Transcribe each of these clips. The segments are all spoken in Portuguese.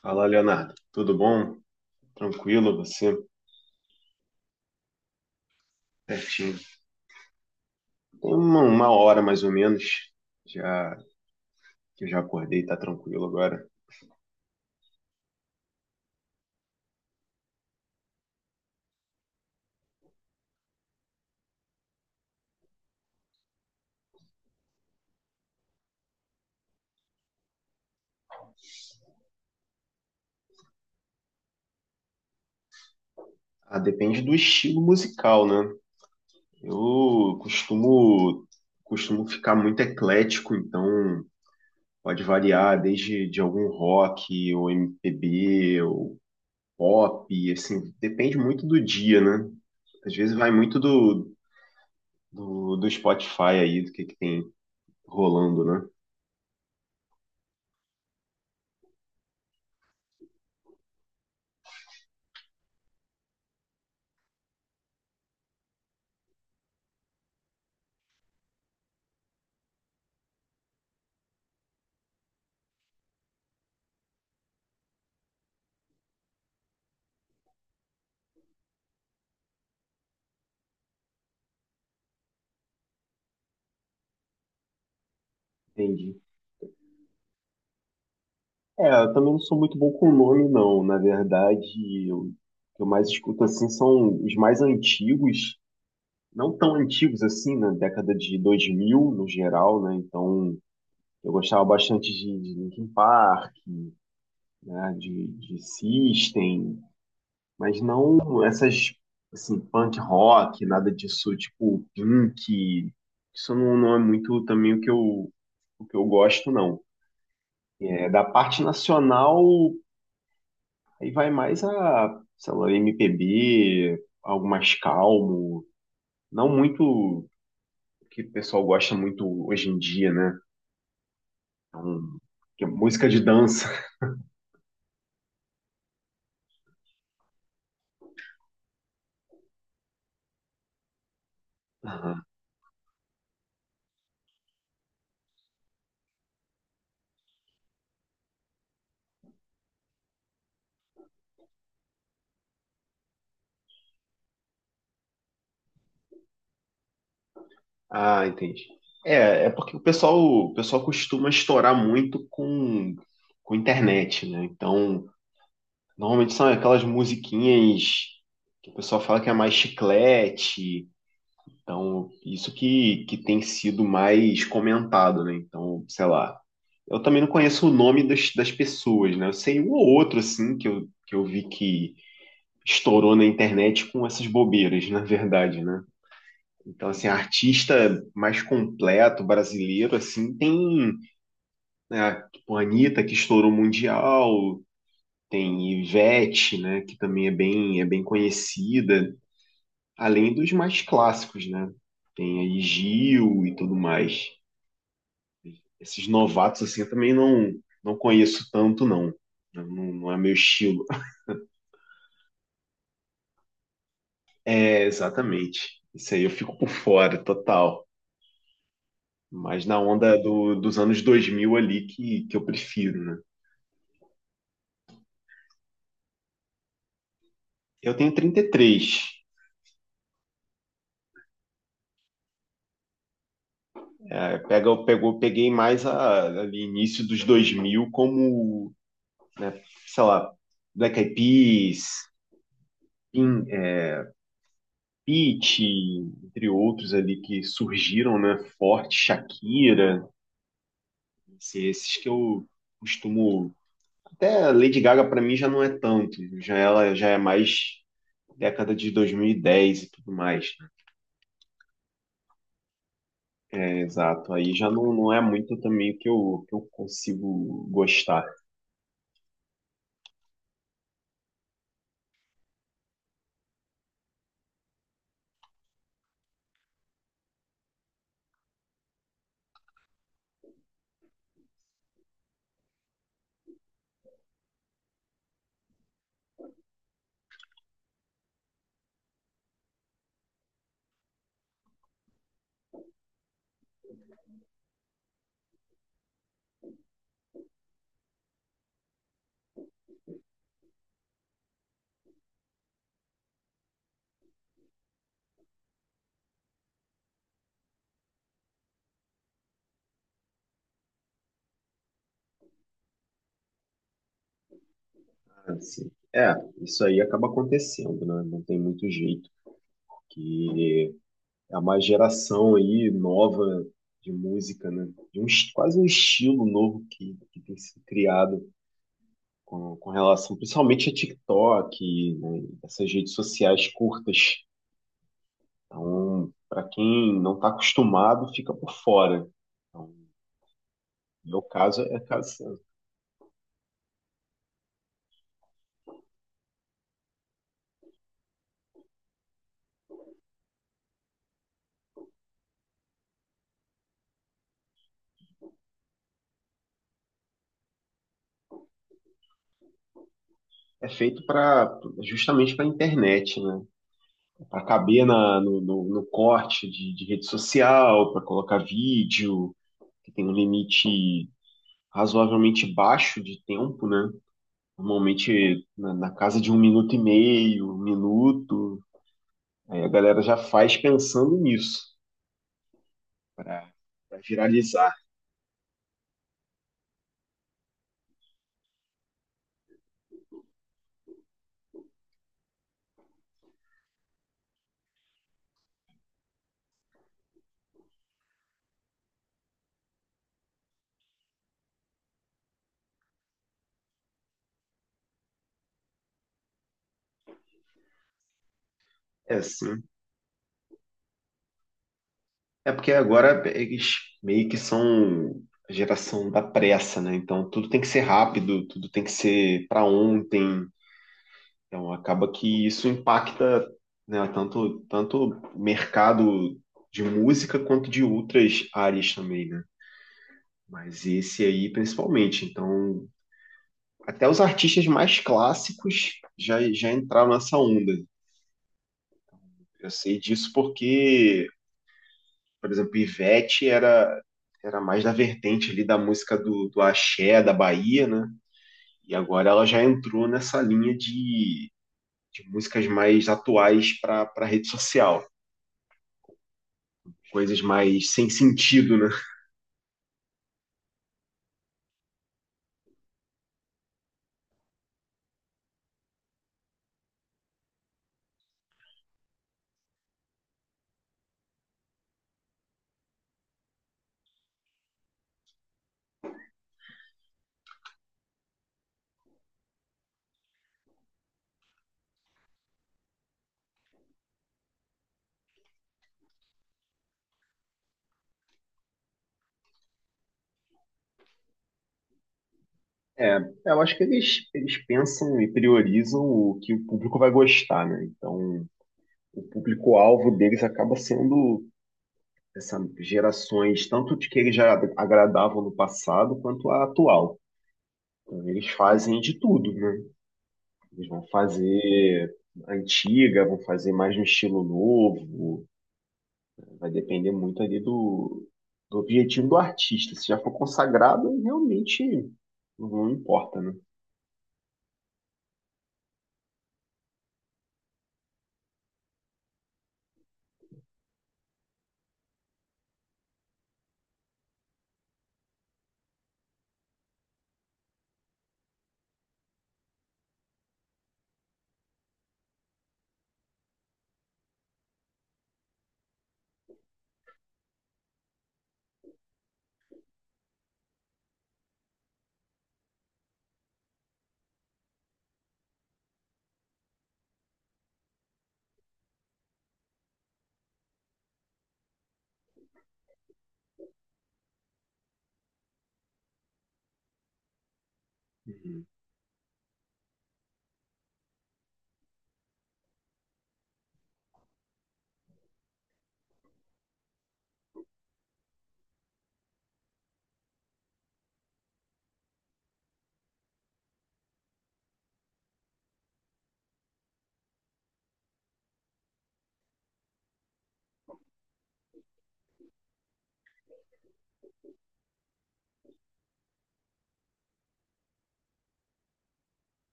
Fala, Leonardo. Tudo bom? Tranquilo, você? Certinho. Tem uma hora mais ou menos já que eu já acordei, tá tranquilo agora. Ah, depende do estilo musical, né? Eu costumo ficar muito eclético, então pode variar desde de algum rock ou MPB ou pop, assim, depende muito do dia, né? Às vezes vai muito do Spotify aí, do que tem rolando, né? Entendi. É, eu também não sou muito bom com nome, não. Na verdade, o que eu mais escuto assim são os mais antigos, não tão antigos assim, na década de 2000 no geral, né? Então, eu gostava bastante de Linkin Park, né? De System, mas não essas assim punk rock, nada disso, tipo Pink. Isso não, não é muito também o que eu gosto, não. É, da parte nacional. Aí vai mais a, sei lá, MPB, algo mais calmo, não muito o que o pessoal gosta muito hoje em dia, né? Que é música de dança. Aham. Ah, entendi. É, é porque o pessoal costuma estourar muito com internet, né? Então, normalmente são aquelas musiquinhas que o pessoal fala que é mais chiclete. Então, isso que tem sido mais comentado, né? Então, sei lá. Eu também não conheço o nome das pessoas, né? Eu sei um ou outro, assim, que eu vi que estourou na internet com essas bobeiras, na verdade, né? Então, assim, artista mais completo brasileiro, assim, tem, né, tipo, a Anitta, que estourou mundial, tem Ivete, né, que também é bem conhecida, além dos mais clássicos, né? Tem aí Gil e tudo mais. Esses novatos, assim, eu também não, não conheço tanto, não. Não, não é meu estilo. É, exatamente. Isso aí eu fico por fora, total. Mas na onda dos anos 2000 ali que eu prefiro, né? Eu tenho 33. É, peguei mais a, ali início dos 2000 como, né, sei lá, Black Eyed Peas, Pin- é, Pitty, entre outros ali que surgiram, né? Forte, Shakira. Assim, esses que eu costumo. Até Lady Gaga para mim já não é tanto. Já ela já é mais década de 2010 e dez e tudo mais, né? Exato. Aí já não, não é muito também o que eu consigo gostar. Assim. É, isso aí acaba acontecendo, né? Não tem muito jeito. Porque é uma geração aí nova de música, né? De um, quase um estilo novo que tem sido criado com relação principalmente a TikTok, né, essas redes sociais curtas. Então, para quem não está acostumado, fica por fora. Então, no meu caso é feito para justamente para a internet, né? Para caber na, no, no, no corte de rede social, para colocar vídeo, que tem um limite razoavelmente baixo de tempo, né? Normalmente na casa de um minuto e meio, um minuto. Aí a galera já faz pensando nisso, para viralizar. É assim. É porque agora eles meio que são a geração da pressa, né? Então tudo tem que ser rápido, tudo tem que ser para ontem. Então acaba que isso impacta, né, tanto o mercado de música quanto de outras áreas também, né? Mas esse aí principalmente. Então até os artistas mais clássicos já já entraram nessa onda. Eu sei disso porque por exemplo, Ivete era mais da vertente ali da música do axé, da Bahia, né? E agora ela já entrou nessa linha de músicas mais atuais para para rede social. Coisas mais sem sentido, né? É, eu acho que eles pensam e priorizam o que o público vai gostar, né? Então, o público-alvo deles acaba sendo essas gerações, tanto de que eles já agradavam no passado, quanto a atual. Então, eles fazem de tudo, né? Eles vão fazer antiga, vão fazer mais no estilo novo. Vai depender muito ali do objetivo do artista. Se já for consagrado, realmente não importa, né?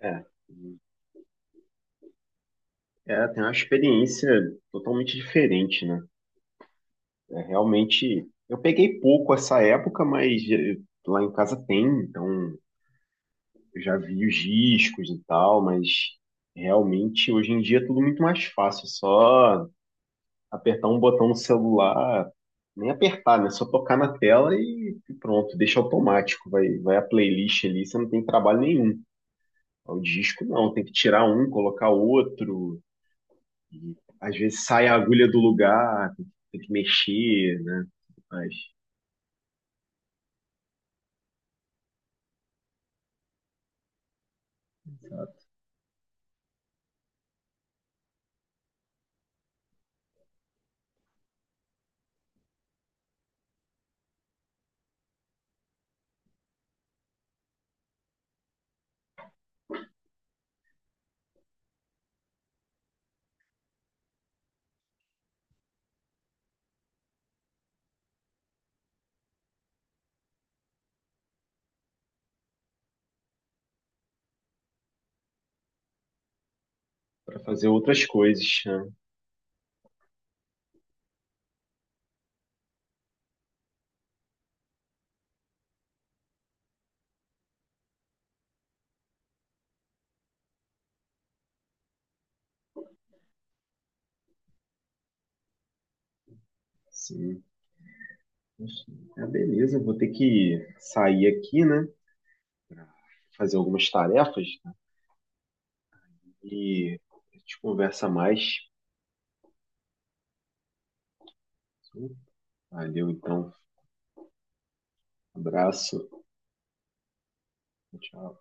É, é, tem uma experiência totalmente diferente, né? É, realmente, eu peguei pouco essa época, mas eh, lá em casa tem, então eu já vi os discos e tal, mas realmente hoje em dia é tudo muito mais fácil, só apertar um botão no celular, nem apertar, né? Só tocar na tela e pronto, deixa automático. Vai, vai a playlist ali, você não tem trabalho nenhum. O disco não, tem que tirar um, colocar outro. E, às vezes sai a agulha do lugar, tem que mexer, né? Mas para fazer outras coisas, né? Sim. Enfim. Ah, beleza, vou ter que sair aqui, né? Pra fazer algumas tarefas, né? E a gente conversa mais. Valeu, então. Abraço. Tchau.